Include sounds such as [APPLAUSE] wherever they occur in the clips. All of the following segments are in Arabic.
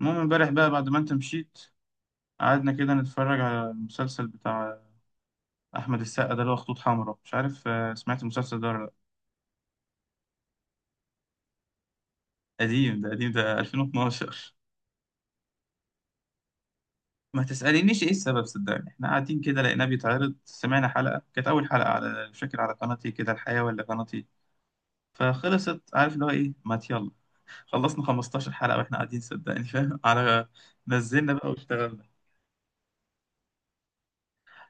المهم امبارح بقى بعد ما انت مشيت قعدنا كده نتفرج على المسلسل بتاع احمد السقا ده اللي هو خطوط حمراء مش عارف. سمعت المسلسل ده ولا لا؟ قديم ده 2012. ما تسألينيش ايه السبب، صدقني احنا قاعدين كده لقيناه بيتعرض، سمعنا حلقة كانت اول حلقة على مش فاكر على قناتي كده الحياة ولا قناتي. فخلصت، عارف اللي هو ايه، ما يلا خلصنا 15 حلقة واحنا قاعدين، صدقني فاهم على نزلنا بقى واشتغلنا.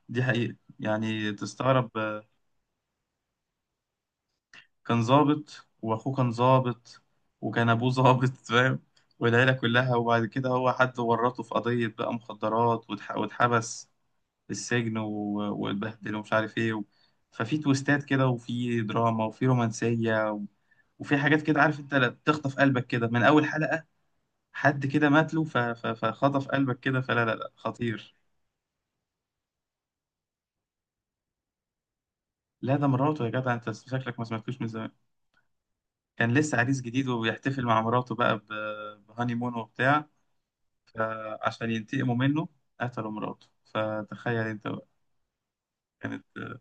دي حقيقة يعني تستغرب. كان ظابط واخوه كان ظابط وكان ابوه ظابط [LAUGHS] فاهم، والعيله كلها. وبعد كده هو حد ورطه في قضيه بقى مخدرات واتحبس في السجن واتبهدل ومش عارف ايه ففي تويستات كده وفي دراما وفي رومانسيه وفي حاجات كده، عارف انت، لا تخطف قلبك كده من اول حلقه، حد كده مات له فخطف قلبك كده. فلا لا لا، خطير. لا ده مراته، يا جدع انت شكلك ما سمعتوش من زمان. كان لسه عريس جديد وبيحتفل مع مراته بقى بهاني مون وبتاع. عشان ينتقموا منه قتلوا مراته، فتخيل انت بقى. كانت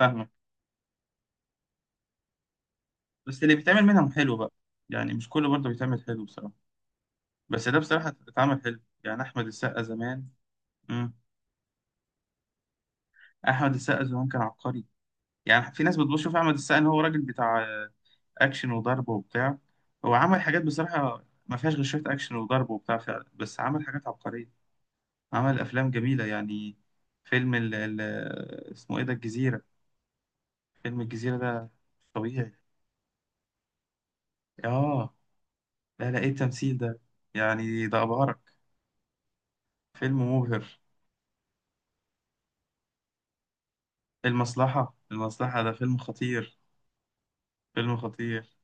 فاهمة. بس اللي بيتعمل منهم حلو بقى، يعني مش كله برضه بيتعمل حلو بصراحة. بس ده بصراحة اتعمل حلو، يعني أحمد السقا زمان. مم. أحمد السقا زمان كان عبقري. يعني في ناس بتشوف أحمد السقا إن هو راجل بتاع أكشن وضرب وبتاع. هو عمل حاجات بصراحة ما فيهاش غير شوية أكشن وضرب وبتاع فعلا، بس عمل حاجات عبقرية، عمل أفلام جميلة يعني. فيلم ال اسمه إيه ده، الجزيرة. فيلم الجزيرة ده مش طبيعي. اه لا لا، ايه التمثيل ده، يعني ده ابهرك، فيلم مبهر. المصلحة ده فيلم خطير، فيلم خطير،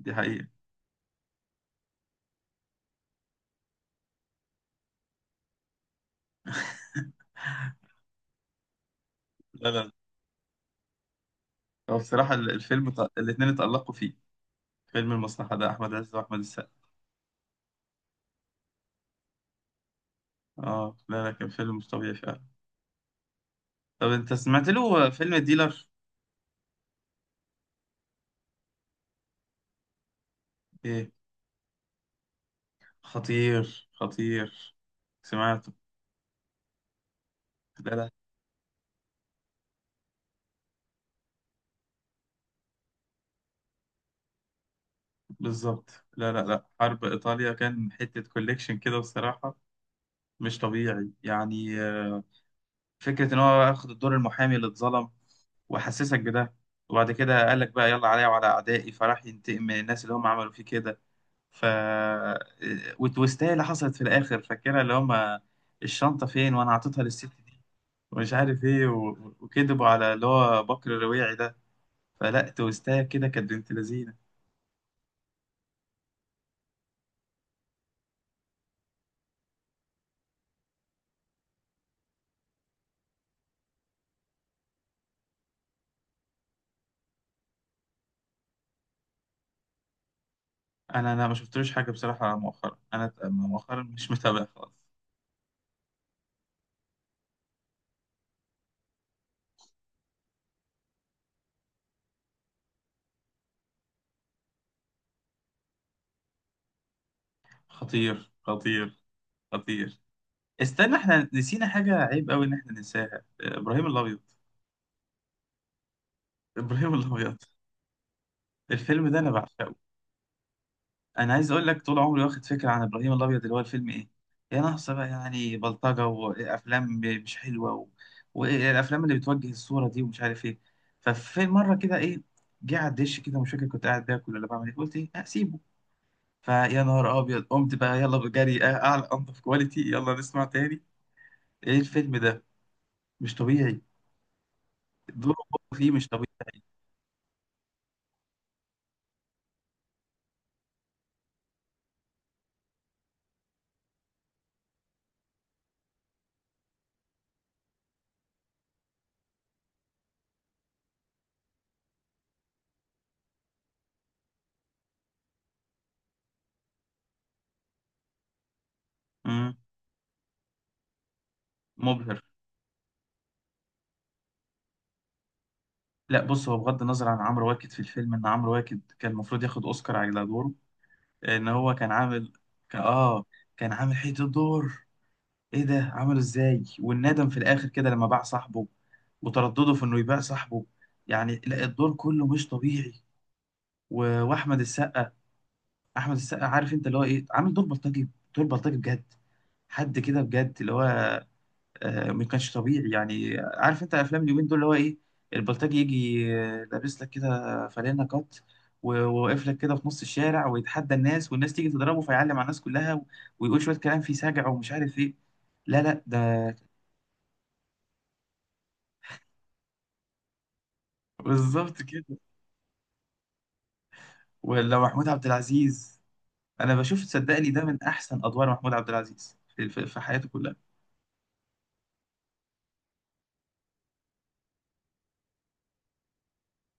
دي حقيقة. [LAUGHS] لا لا، هو بصراحة الفيلم الاتنين اتألقوا فيه، فيلم المصلحة ده أحمد عز وأحمد السقا. اه لا لا، كان فيلم مش طبيعي فعلا. طب أنت سمعت له فيلم الديلر؟ إيه، خطير خطير، سمعته. لا لا، بالظبط. لا لا لا، حرب إيطاليا كان حتة كوليكشن كده بصراحة، مش طبيعي يعني. فكرة إن هو أخد الدور المحامي اللي اتظلم وحسسك بده، وبعد كده قال لك بقى يلا عليا وعلى أعدائي، فراح ينتقم من الناس اللي هم عملوا فيه كده. ف آه، والتويستاية اللي حصلت في الآخر فاكرها، اللي هم الشنطة فين وأنا عطيتها للست دي ومش عارف إيه وكذبوا على اللي هو بكر الرواعي ده. فلا، تويستاية كده كانت بنت لذينة. أنا ما شفتلوش حاجة بصراحة مؤخرا، أنا مؤخرا مش متابع خالص. خطير خطير خطير. استنى احنا نسينا حاجة عيب قوي ان احنا ننساها، ابراهيم الابيض. ابراهيم الابيض الفيلم ده انا بعشقه. انا عايز اقول لك، طول عمري واخد فكرة عن ابراهيم الابيض اللي هو الفيلم ايه، يا ناقصة بقى يعني بلطجة وافلام مش حلوة والافلام اللي بتوجه الصورة دي ومش عارف ايه. ففي مرة كده ايه، جه على الدش كده، مش فاكر كنت قاعد باكل ولا بعمل ايه، قلت ايه اسيبه. فيا نهار ابيض، قمت بقى يلا بجري اعلى انضف كواليتي، يلا نسمع تاني. ايه الفيلم ده، مش طبيعي. دوره فيه مش طبيعي، مبهر. لا بص، هو بغض النظر عن عمرو واكد في الفيلم، ان عمرو واكد كان المفروض ياخد اوسكار على دوره، ان هو كان عامل، كان اه كان عامل حته دور، ايه ده عمله ازاي، والندم في الاخر كده لما باع صاحبه وتردده في انه يبيع صاحبه. يعني لا، الدور كله مش طبيعي. و... واحمد السقا، احمد السقا، عارف انت اللي هو ايه، عامل دور بلطجي، دور بلطجي بجد. حد كده بجد اللي هو ما كانش طبيعي. يعني عارف انت افلام اليومين دول اللي هو ايه، البلطجي يجي لابس لك كده فانلة قط وواقف لك كده في نص الشارع ويتحدى الناس، والناس تيجي تضربه فيعلم على الناس كلها ويقول شوية كلام فيه سجع ومش عارف ايه. لا لا، ده بالظبط كده. ولا محمود عبد العزيز، انا بشوف صدقني ده من احسن ادوار محمود عبد العزيز في في حياته كلها.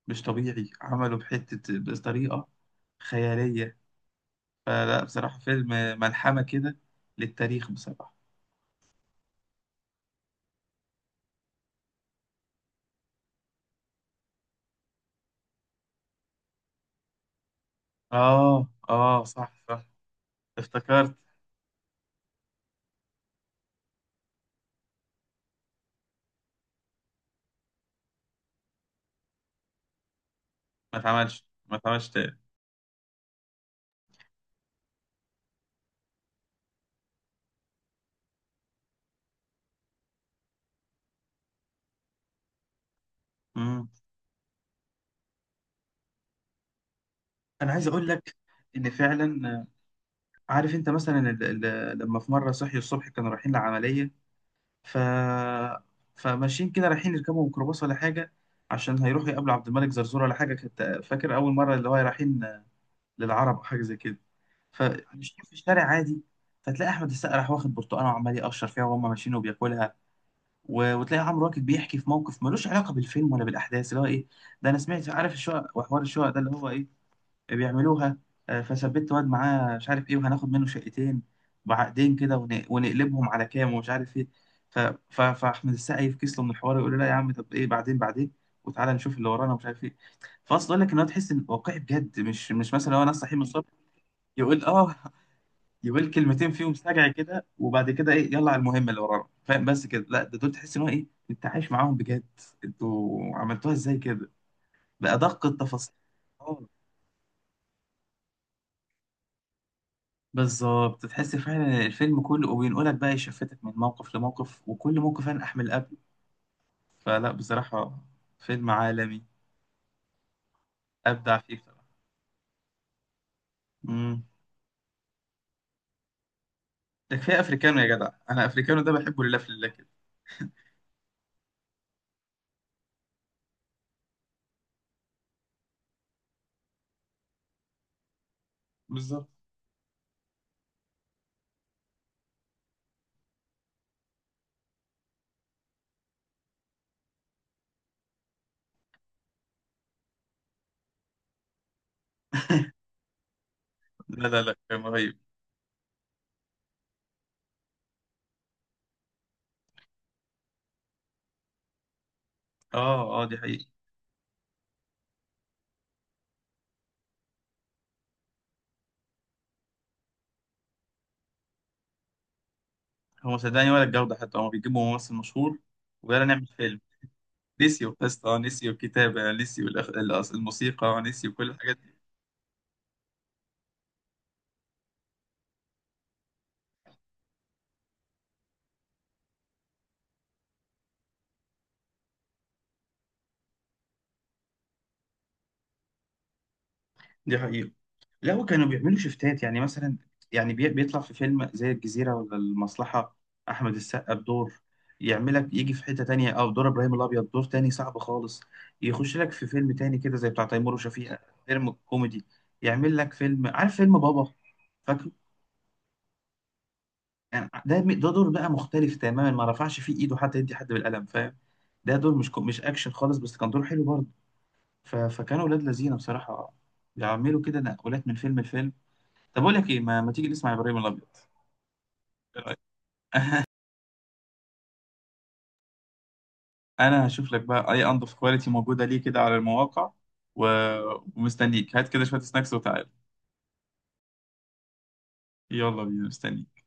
مش طبيعي، عمله بحتة بطريقة خيالية. فلا بصراحة فيلم ملحمة كده، للتاريخ بصراحة. اه اه صح صح، افتكرت. ما اتعملش، ما اتعملش تاني. مم. انا عايز اقول لك ان فعلا عارف انت مثلا لما في مره صحي الصبح كانوا رايحين لعمليه، ف فماشيين كده رايحين يركبوا ميكروباص ولا حاجه، عشان هيروحوا يقابلوا عبد الملك زرزور ولا حاجه، كنت فاكر اول مره اللي هو رايحين للعرب او حاجه زي كده. فماشيين في الشارع عادي، فتلاقي احمد السقا راح واخد برتقانه وعمال يقشر فيها وهم ماشيين وبياكلها، وتلاقي عمرو واكد بيحكي في موقف ملوش علاقه بالفيلم ولا بالاحداث، اللي هو ايه، ده انا سمعت عارف الشقق وحوار الشقق ده اللي هو ايه بيعملوها. فثبت واد معاه مش عارف ايه، وهناخد منه شقتين بعقدين كده ونقلبهم على كام ومش عارف ايه. ف... فاحمد السقا يفكس له من الحوار، يقول له لا يا عم، طب ايه بعدين بعدين، وتعالى نشوف اللي ورانا ومش عارف ايه. فاصل اقول لك ان هو تحس ان واقعي بجد، مش مثلا هو ناس صاحي من الصبح يقول اه، يقول كلمتين فيهم سجع كده، وبعد كده ايه يلا على المهم اللي ورانا فاهم بس كده. لا، ده دول تحس ان هو ايه، انت عايش معاهم بجد، انتوا عملتوها ازاي كده، بأدق التفاصيل. اه بالظبط، تحس فعلا الفيلم كله، وبينقلك بقى يشفتك من موقف لموقف، وكل موقف انا احمل قبل. فلا بصراحة فيلم عالمي، ابدع فيه بصراحة. امم ده كفاية افريكانو يا جدع، انا افريكانو ده بحبه لله في الله كده. [LAUGHS] بالظبط. لا لا لا، كان رهيب. اه اه، دي حقيقة. هو صدقني ولا الجودة حتى، هما بيجيبوا ممثل مشهور، ويلا نعمل فيلم، نسيوا القصة، نسيوا الكتابة، نسيوا الموسيقى، نسيوا كل الحاجات دي. دي حقيقة. لا وكانوا بيعملوا شفتات، يعني مثلا يعني بيطلع في فيلم زي الجزيرة ولا المصلحة أحمد السقا بدور، يعملك يجي في حتة تانية، أو دور إبراهيم الأبيض دور تاني صعب خالص، يخش لك في فيلم تاني كده زي بتاع تيمور وشفيقة، فيلم كوميدي، يعمل لك فيلم، عارف فيلم بابا، فاكره. يعني ده دور بقى مختلف تماما، ما رفعش فيه ايده حتى يدي حد بالقلم فاهم، ده دور مش مش اكشن خالص، بس كان دور حلو برضه. فكانوا ولاد لذينه بصراحه، بيعملوا كده نقلات من فيلم لفيلم. طب اقول لك ايه، ما تيجي نسمع ابراهيم الابيض، إيه رأيك؟ انا هشوف لك بقى اي انضف كواليتي موجوده ليه كده على المواقع و... ومستنيك، هات كده شويه سناكس وتعال، يلا بينا مستنيك.